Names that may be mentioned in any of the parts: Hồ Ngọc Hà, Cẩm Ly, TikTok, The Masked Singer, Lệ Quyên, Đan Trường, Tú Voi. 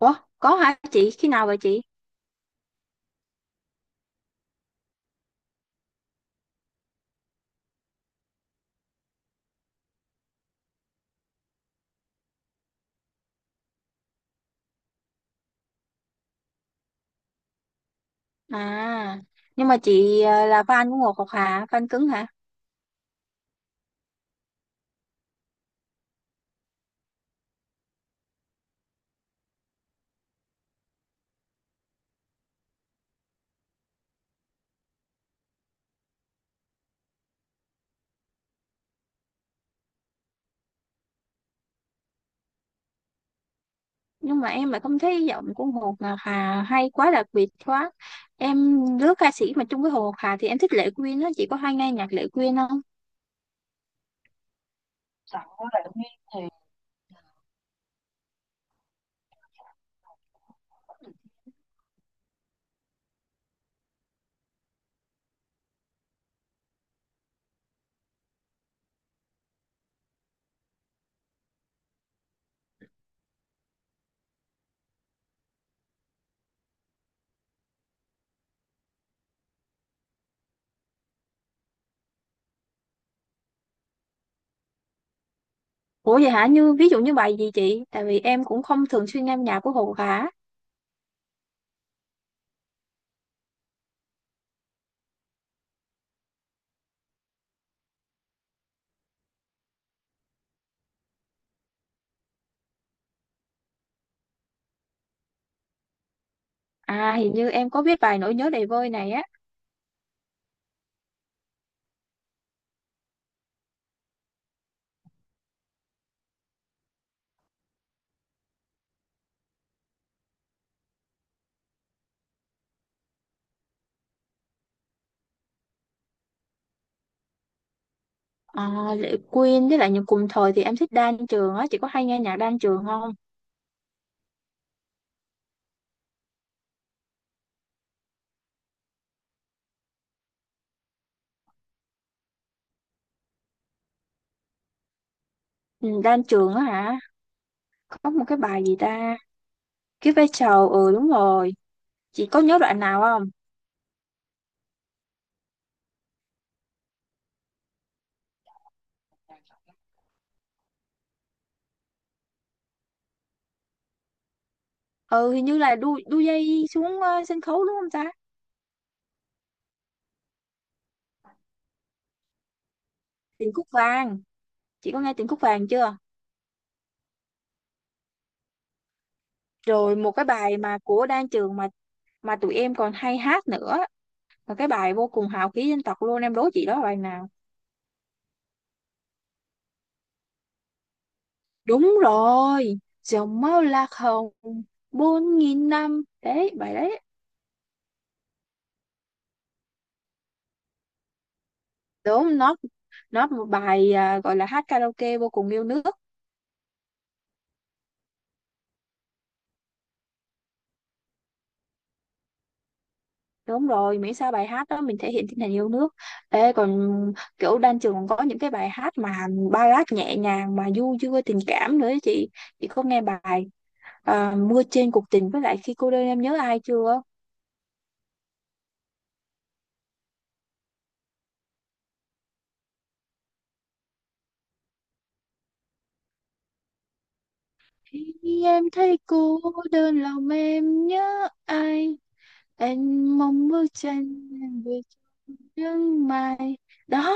Ủa, có hả chị? Khi nào vậy chị? À, nhưng mà chị là fan của Ngọc Ngọc Hà, fan cứng hả? Nhưng mà em lại không thấy giọng của hồ Ngọc Hà hay quá, đặc biệt quá. Em đứa ca sĩ mà chung với Hồ Ngọc Hà thì em thích Lệ Quyên á, chị có hay nghe nhạc Lệ Quyên không? Ủa vậy hả? Như ví dụ như bài gì chị? Tại vì em cũng không thường xuyên nghe nhạc của Hồ Ngọc Hà. À, hình như em có biết bài Nỗi nhớ đầy vơi này á. À, Lệ Quyên với lại những cùng thời thì em thích Đan Trường á, chị có hay nghe nhạc Đan Trường không? Ừ, Đan Trường á hả? Có một cái bài gì ta? Cái vai trò, ừ đúng rồi, chị có nhớ đoạn nào không? Ừ, hình như là đu đu dây xuống sân khấu đúng không ta? Tình cúc vàng, chị có nghe tình cúc vàng chưa? Rồi một cái bài mà của Đan Trường mà tụi em còn hay hát nữa, một cái bài vô cùng hào khí dân tộc luôn, em đố chị đó là bài nào? Đúng rồi, dòng máu lạc hồng, 4000 năm đấy bài đấy. Đúng nó một bài à, gọi là hát karaoke vô cùng yêu nước. Đúng rồi, miễn sao bài hát đó mình thể hiện tinh thần yêu nước. Ê, còn kiểu Đan Trường còn có những cái bài hát mà ballad nhẹ nhàng mà du dương tình cảm nữa ấy chị. Chị có nghe bài à, Mưa trên cuộc tình với lại Khi cô đơn em nhớ ai chưa? Khi em thấy cô đơn lòng em nhớ ai? Em mong bức tranh em về sương mai. Đó,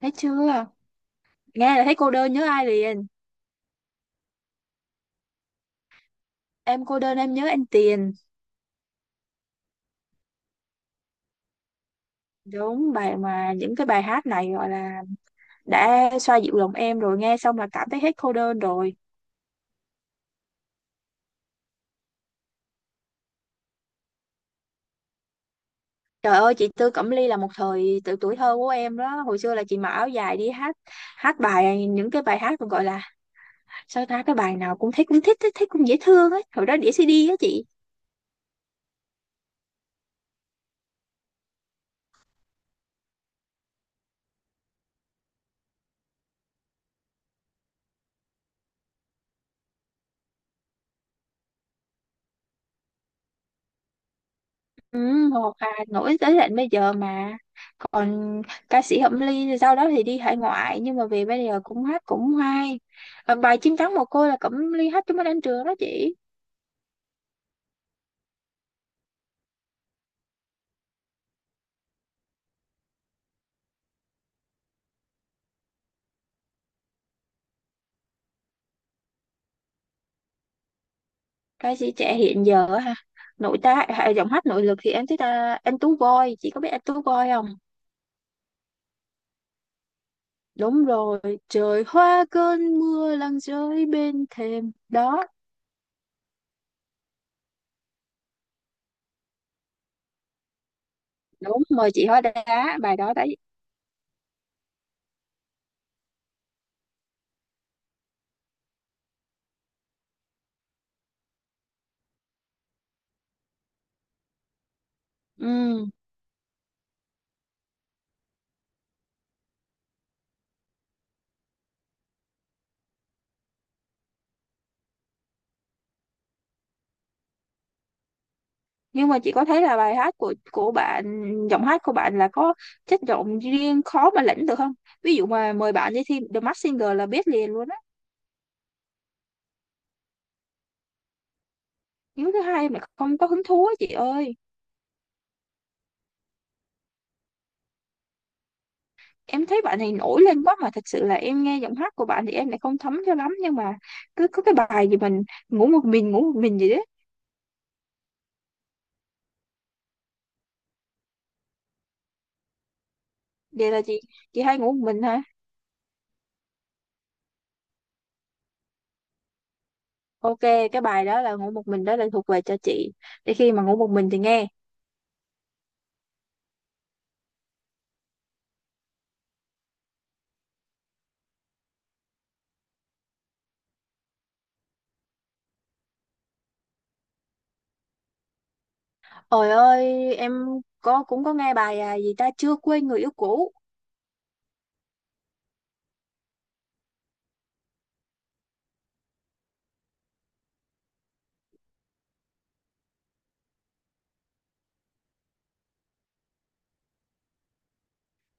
thấy chưa? Nghe là thấy cô đơn nhớ ai liền. Em cô đơn em nhớ anh Tiền. Đúng, bài mà những cái bài hát này gọi là đã xoa dịu lòng em rồi, nghe xong là cảm thấy hết cô đơn rồi. Trời ơi, chị Tư Cẩm Ly là một thời tự tuổi thơ của em đó, hồi xưa là chị mặc áo dài đi hát, hát bài những cái bài hát còn gọi là sao ta, cái bài nào cũng thấy cũng thích thích thích cũng dễ thương ấy, hồi đó đĩa CD á chị. Ừ, hoặc là nổi tới tận bây giờ mà còn, ca sĩ Cẩm Ly thì sau đó thì đi hải ngoại nhưng mà về bây giờ cũng hát cũng hay. Ờ, bài chim trắng mồ côi là Cẩm Ly hát cho mấy anh trường đó chị. Ca sĩ trẻ hiện giờ á ha, nội tá à, giọng hát nội lực thì em thích anh Tú Voi, chị có biết anh Tú Voi không? Đúng rồi, trời hoa cơn mưa lăn rơi bên thềm đó. Đúng, mời chị hóa đá, bài đó đấy. Ừ. Nhưng mà chị có thấy là bài hát của bạn, giọng hát của bạn là có chất giọng riêng khó mà lẫn được không? Ví dụ mà mời bạn đi thi The Masked Singer là biết liền luôn á. Nếu thứ hai mà không có hứng thú á chị ơi. Em thấy bạn này nổi lên quá mà thật sự là em nghe giọng hát của bạn thì em lại không thấm cho lắm, nhưng mà cứ có cái bài gì mình ngủ một mình gì đấy. Vậy là chị hay ngủ một mình hả? Ok, cái bài đó là ngủ một mình đó là thuộc về cho chị, để khi mà ngủ một mình thì nghe. Ôi ơi em có, cũng có nghe bài à, gì ta, chưa quên người yêu cũ.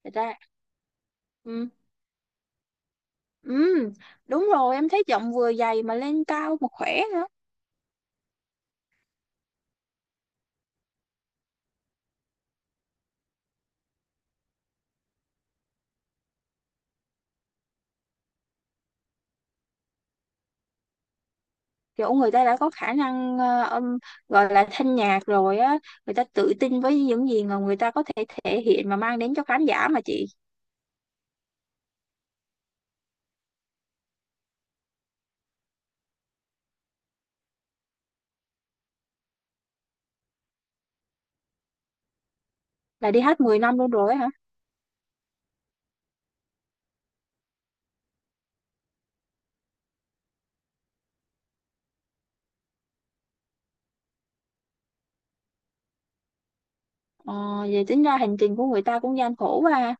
Thật ra ừ, ừ đúng rồi, em thấy giọng vừa dày mà lên cao mà khỏe nữa. Kiểu người ta đã có khả năng âm, gọi là thanh nhạc rồi á, người ta tự tin với những gì mà người ta có thể thể hiện mà mang đến cho khán giả mà chị. Là đi hát 10 năm luôn rồi á hả? ờ, Vậy tính ra hành trình của người ta cũng gian khổ quá ha.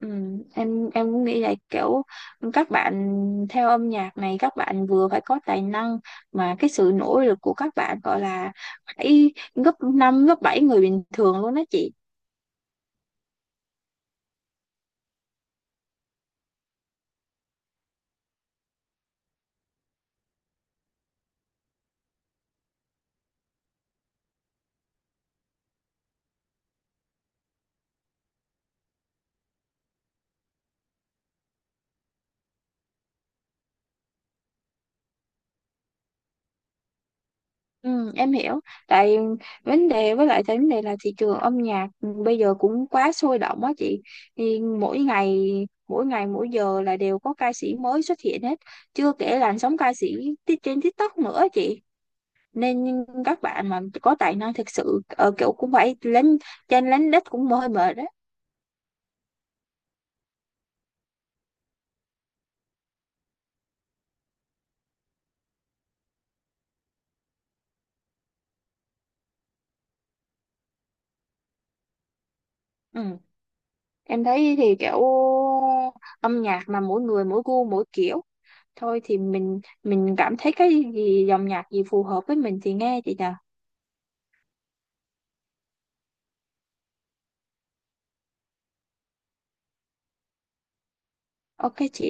Ừ, em cũng nghĩ là kiểu các bạn theo âm nhạc này các bạn vừa phải có tài năng mà cái sự nỗ lực của các bạn gọi là phải gấp 5 gấp 7 người bình thường luôn đó chị. Ừ, em hiểu. Tại vấn đề, với lại tại vấn đề là thị trường âm nhạc bây giờ cũng quá sôi động á chị. Thì mỗi ngày mỗi giờ là đều có ca sĩ mới xuất hiện hết. Chưa kể làn sóng ca sĩ trên TikTok nữa chị. Nên các bạn mà có tài năng thực sự kiểu cũng phải lên trên lánh đất cũng hơi mệt đấy. Ừ. Em thấy thì kiểu âm nhạc mà mỗi người mỗi gu mỗi kiểu. Thôi thì mình cảm thấy cái gì, dòng nhạc gì phù hợp với mình thì nghe chị nhỉ. Ok chị,